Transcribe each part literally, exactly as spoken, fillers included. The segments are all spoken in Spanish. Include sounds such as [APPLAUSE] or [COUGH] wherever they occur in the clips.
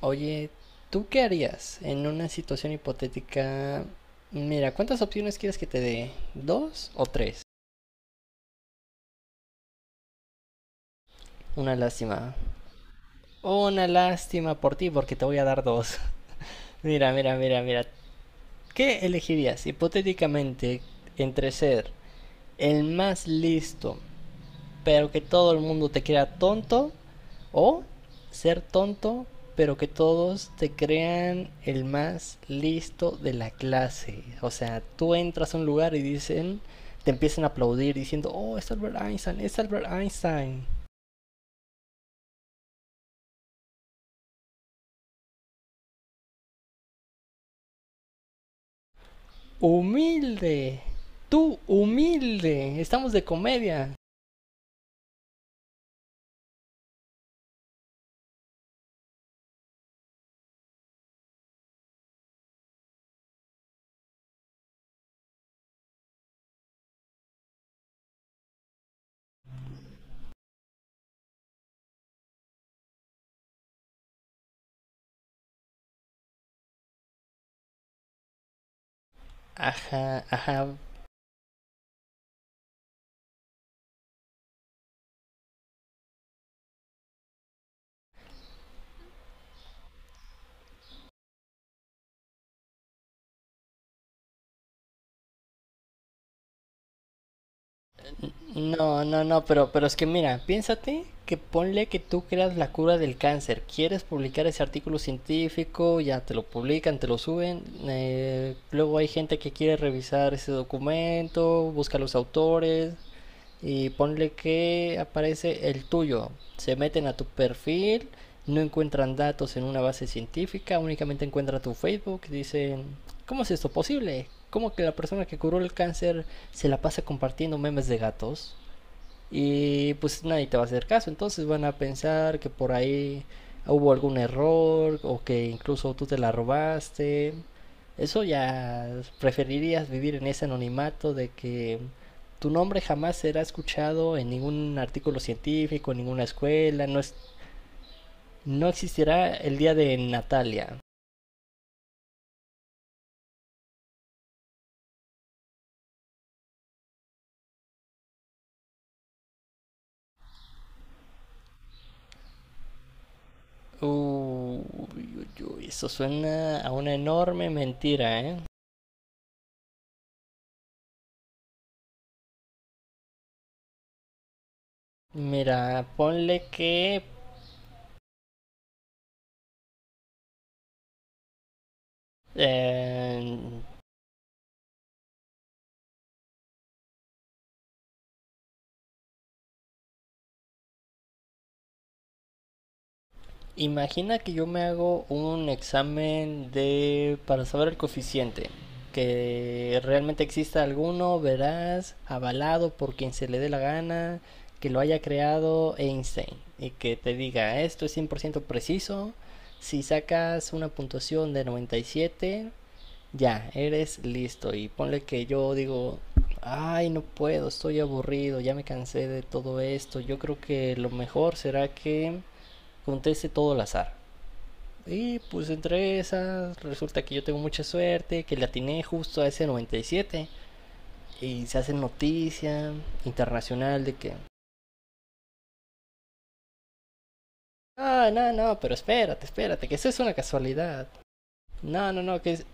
Oye, ¿tú qué harías en una situación hipotética? Mira, ¿cuántas opciones quieres que te dé? ¿Dos o tres? Una lástima. Una lástima por ti porque te voy a dar dos. [LAUGHS] Mira, mira, mira, mira. ¿Qué elegirías hipotéticamente entre ser el más listo pero que todo el mundo te crea tonto o ser tonto, pero que todos te crean el más listo de la clase? O sea, tú entras a un lugar y dicen, te empiezan a aplaudir diciendo, oh, es Albert Einstein, es Albert Einstein. Humilde, tú humilde, estamos de comedia. Ajá, ajá. No, no, no, pero, pero es que mira, piénsate que ponle que tú creas la cura del cáncer, quieres publicar ese artículo científico, ya te lo publican, te lo suben, eh, luego hay gente que quiere revisar ese documento, busca los autores y ponle que aparece el tuyo, se meten a tu perfil, no encuentran datos en una base científica, únicamente encuentran tu Facebook, dicen, ¿cómo es esto posible? ¿Cómo que la persona que curó el cáncer se la pasa compartiendo memes de gatos? Y pues nadie te va a hacer caso. Entonces van a pensar que por ahí hubo algún error o que incluso tú te la robaste. Eso ya preferirías vivir en ese anonimato de que tu nombre jamás será escuchado en ningún artículo científico, en ninguna escuela, no, es, no existirá el día de Natalia. Uy, eso suena a una enorme mentira, ¿eh? Mira, ponle que eh, imagina que yo me hago un examen de para saber el coeficiente, que realmente exista alguno, verás, avalado por quien se le dé la gana, que lo haya creado Einstein y que te diga, esto es cien por ciento preciso, si sacas una puntuación de noventa y siete ya, eres listo y ponle que yo digo, ay, no puedo, estoy aburrido, ya me cansé de todo esto, yo creo que lo mejor será que conteste todo al azar. Y pues entre esas, resulta que yo tengo mucha suerte, que le atiné justo a ese noventa y siete y siete. Y se hace noticia internacional de que, ah, no, no, pero espérate, espérate, que eso es una casualidad. No, no, no, que es...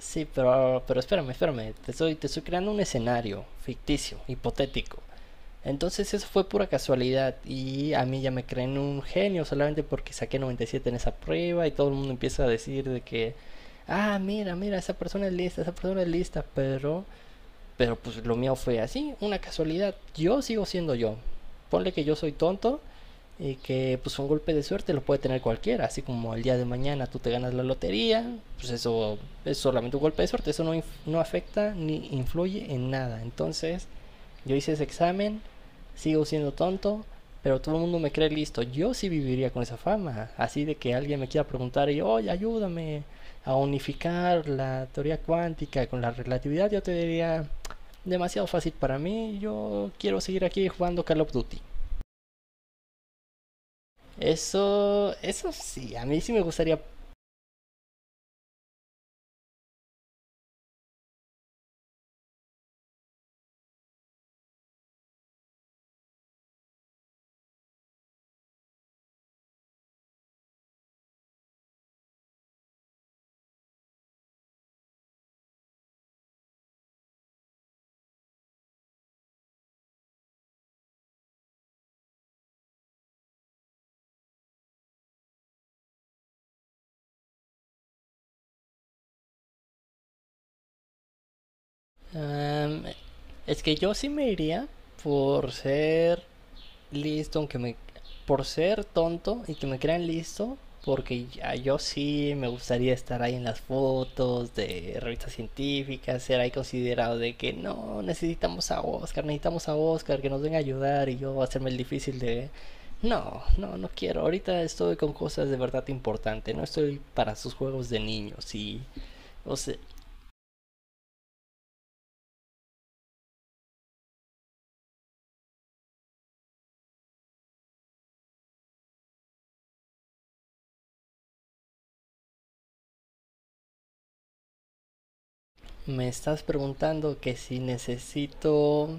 Sí, pero, pero espérame, espérame, te estoy, te estoy creando un escenario ficticio, hipotético. Entonces eso fue pura casualidad y a mí ya me creen un genio solamente porque saqué noventa y siete en esa prueba y todo el mundo empieza a decir de que, ah, mira, mira, esa persona es lista, esa persona es lista, pero, pero pues lo mío fue así, una casualidad. Yo sigo siendo yo. Ponle que yo soy tonto y que pues un golpe de suerte lo puede tener cualquiera, así como el día de mañana tú te ganas la lotería, pues eso es solamente un golpe de suerte, eso no, no afecta ni influye en nada. Entonces yo hice ese examen, sigo siendo tonto, pero todo el mundo me cree listo. Yo sí viviría con esa fama. Así de que alguien me quiera preguntar y, oye, ayúdame a unificar la teoría cuántica con la relatividad, yo te diría, demasiado fácil para mí, yo quiero seguir aquí jugando Call of Duty. Eso, eso sí, a mí sí me gustaría... um, es que yo sí me iría por ser listo, aunque me... Por ser tonto y que me crean listo, porque ya- yo sí me gustaría estar ahí en las fotos de revistas científicas, ser ahí considerado de que no, necesitamos a Oscar, necesitamos a Oscar, que nos venga a ayudar y yo hacerme el difícil de... No, no, no quiero. Ahorita estoy con cosas de verdad importante. No estoy para sus juegos de niños. Y, o sea, me estás preguntando que si necesito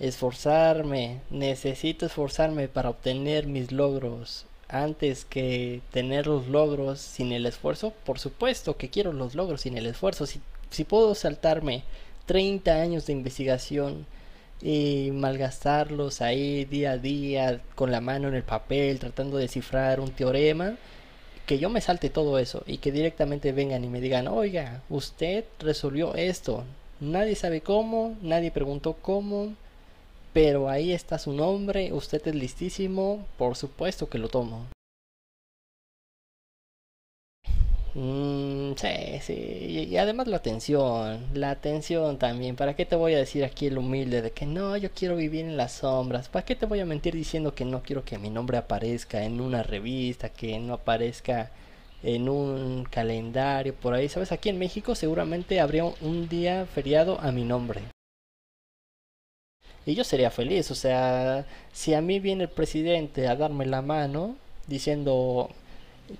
esforzarme, necesito esforzarme para obtener mis logros antes que tener los logros sin el esfuerzo. Por supuesto que quiero los logros sin el esfuerzo. Si, si puedo saltarme treinta años de investigación y malgastarlos ahí día a día con la mano en el papel tratando de descifrar un teorema, que yo me salte todo eso y que directamente vengan y me digan, oiga, usted resolvió esto. Nadie sabe cómo, nadie preguntó cómo, pero ahí está su nombre, usted es listísimo, por supuesto que lo tomo. Mm, sí, sí. Y, y además la atención, la atención también. ¿Para qué te voy a decir aquí el humilde de que no, yo quiero vivir en las sombras? ¿Para qué te voy a mentir diciendo que no quiero que mi nombre aparezca en una revista, que no aparezca en un calendario por ahí? ¿Sabes? Aquí en México seguramente habría un- un día feriado a mi nombre. Y yo sería feliz, o sea, si a mí viene el presidente a darme la mano diciendo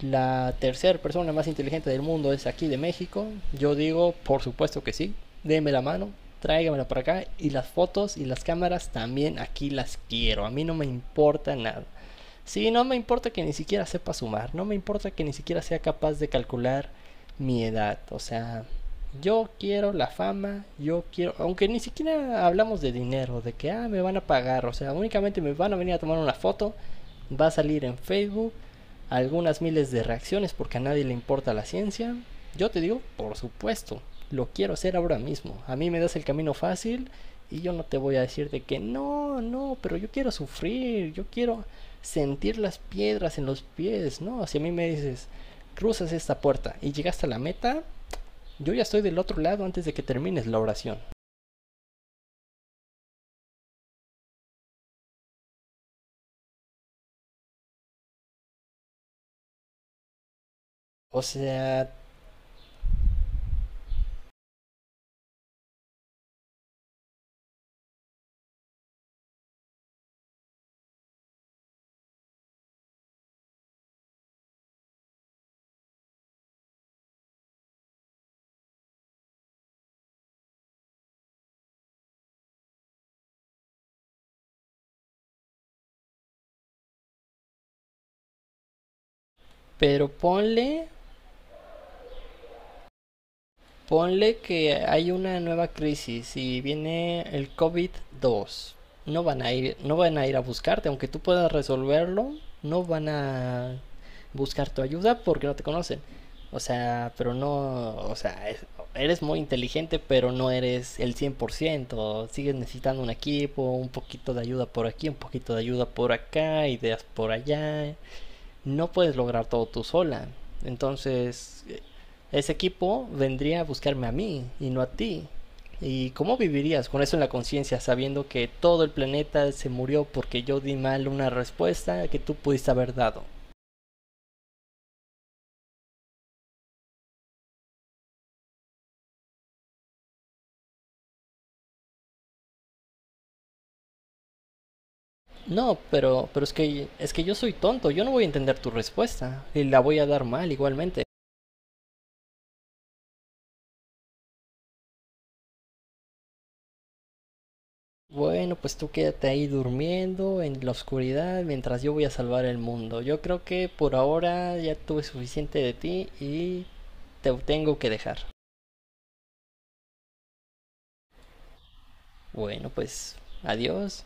la tercera persona más inteligente del mundo es aquí de México, yo digo, por supuesto que sí, déme la mano, tráigamela para acá y las fotos y las cámaras también aquí las quiero, a mí no me importa nada. Sí, no me importa que ni siquiera sepa sumar, no me importa que ni siquiera sea capaz de calcular mi edad, o sea, yo quiero la fama, yo quiero, aunque ni siquiera hablamos de dinero, de que ah, me van a pagar, o sea, únicamente me van a venir a tomar una foto, va a salir en Facebook, algunas miles de reacciones porque a nadie le importa la ciencia. Yo te digo, por supuesto, lo quiero hacer ahora mismo. A mí me das el camino fácil y yo no te voy a decir de que no, no, pero yo quiero sufrir, yo quiero sentir las piedras en los pies, ¿no? Si a mí me dices, cruzas esta puerta y llegas a la meta, yo ya estoy del otro lado antes de que termines la oración. O sea, pero ponle Ponle que hay una nueva crisis y viene el covid dos. No van a ir, no van a ir a buscarte, aunque tú puedas resolverlo, no van a buscar tu ayuda porque no te conocen. O sea, pero no, o sea, es- eres muy inteligente, pero no eres el cien por ciento. Sigues necesitando un equipo, un poquito de ayuda por aquí, un poquito de ayuda por acá, ideas por allá no puedes lograr todo tú sola. Entonces, ese equipo vendría a buscarme a mí y no a ti. ¿Y cómo vivirías con eso en la conciencia, sabiendo que todo el planeta se murió porque yo di mal una respuesta que tú pudiste haber dado? No, pero, pero es que es que yo soy tonto, yo no voy a entender tu respuesta y la voy a dar mal igualmente. Bueno, pues tú quédate ahí durmiendo en la oscuridad mientras yo voy a salvar el mundo. Yo creo que por ahora ya tuve suficiente de ti y te tengo que dejar. Bueno, pues adiós.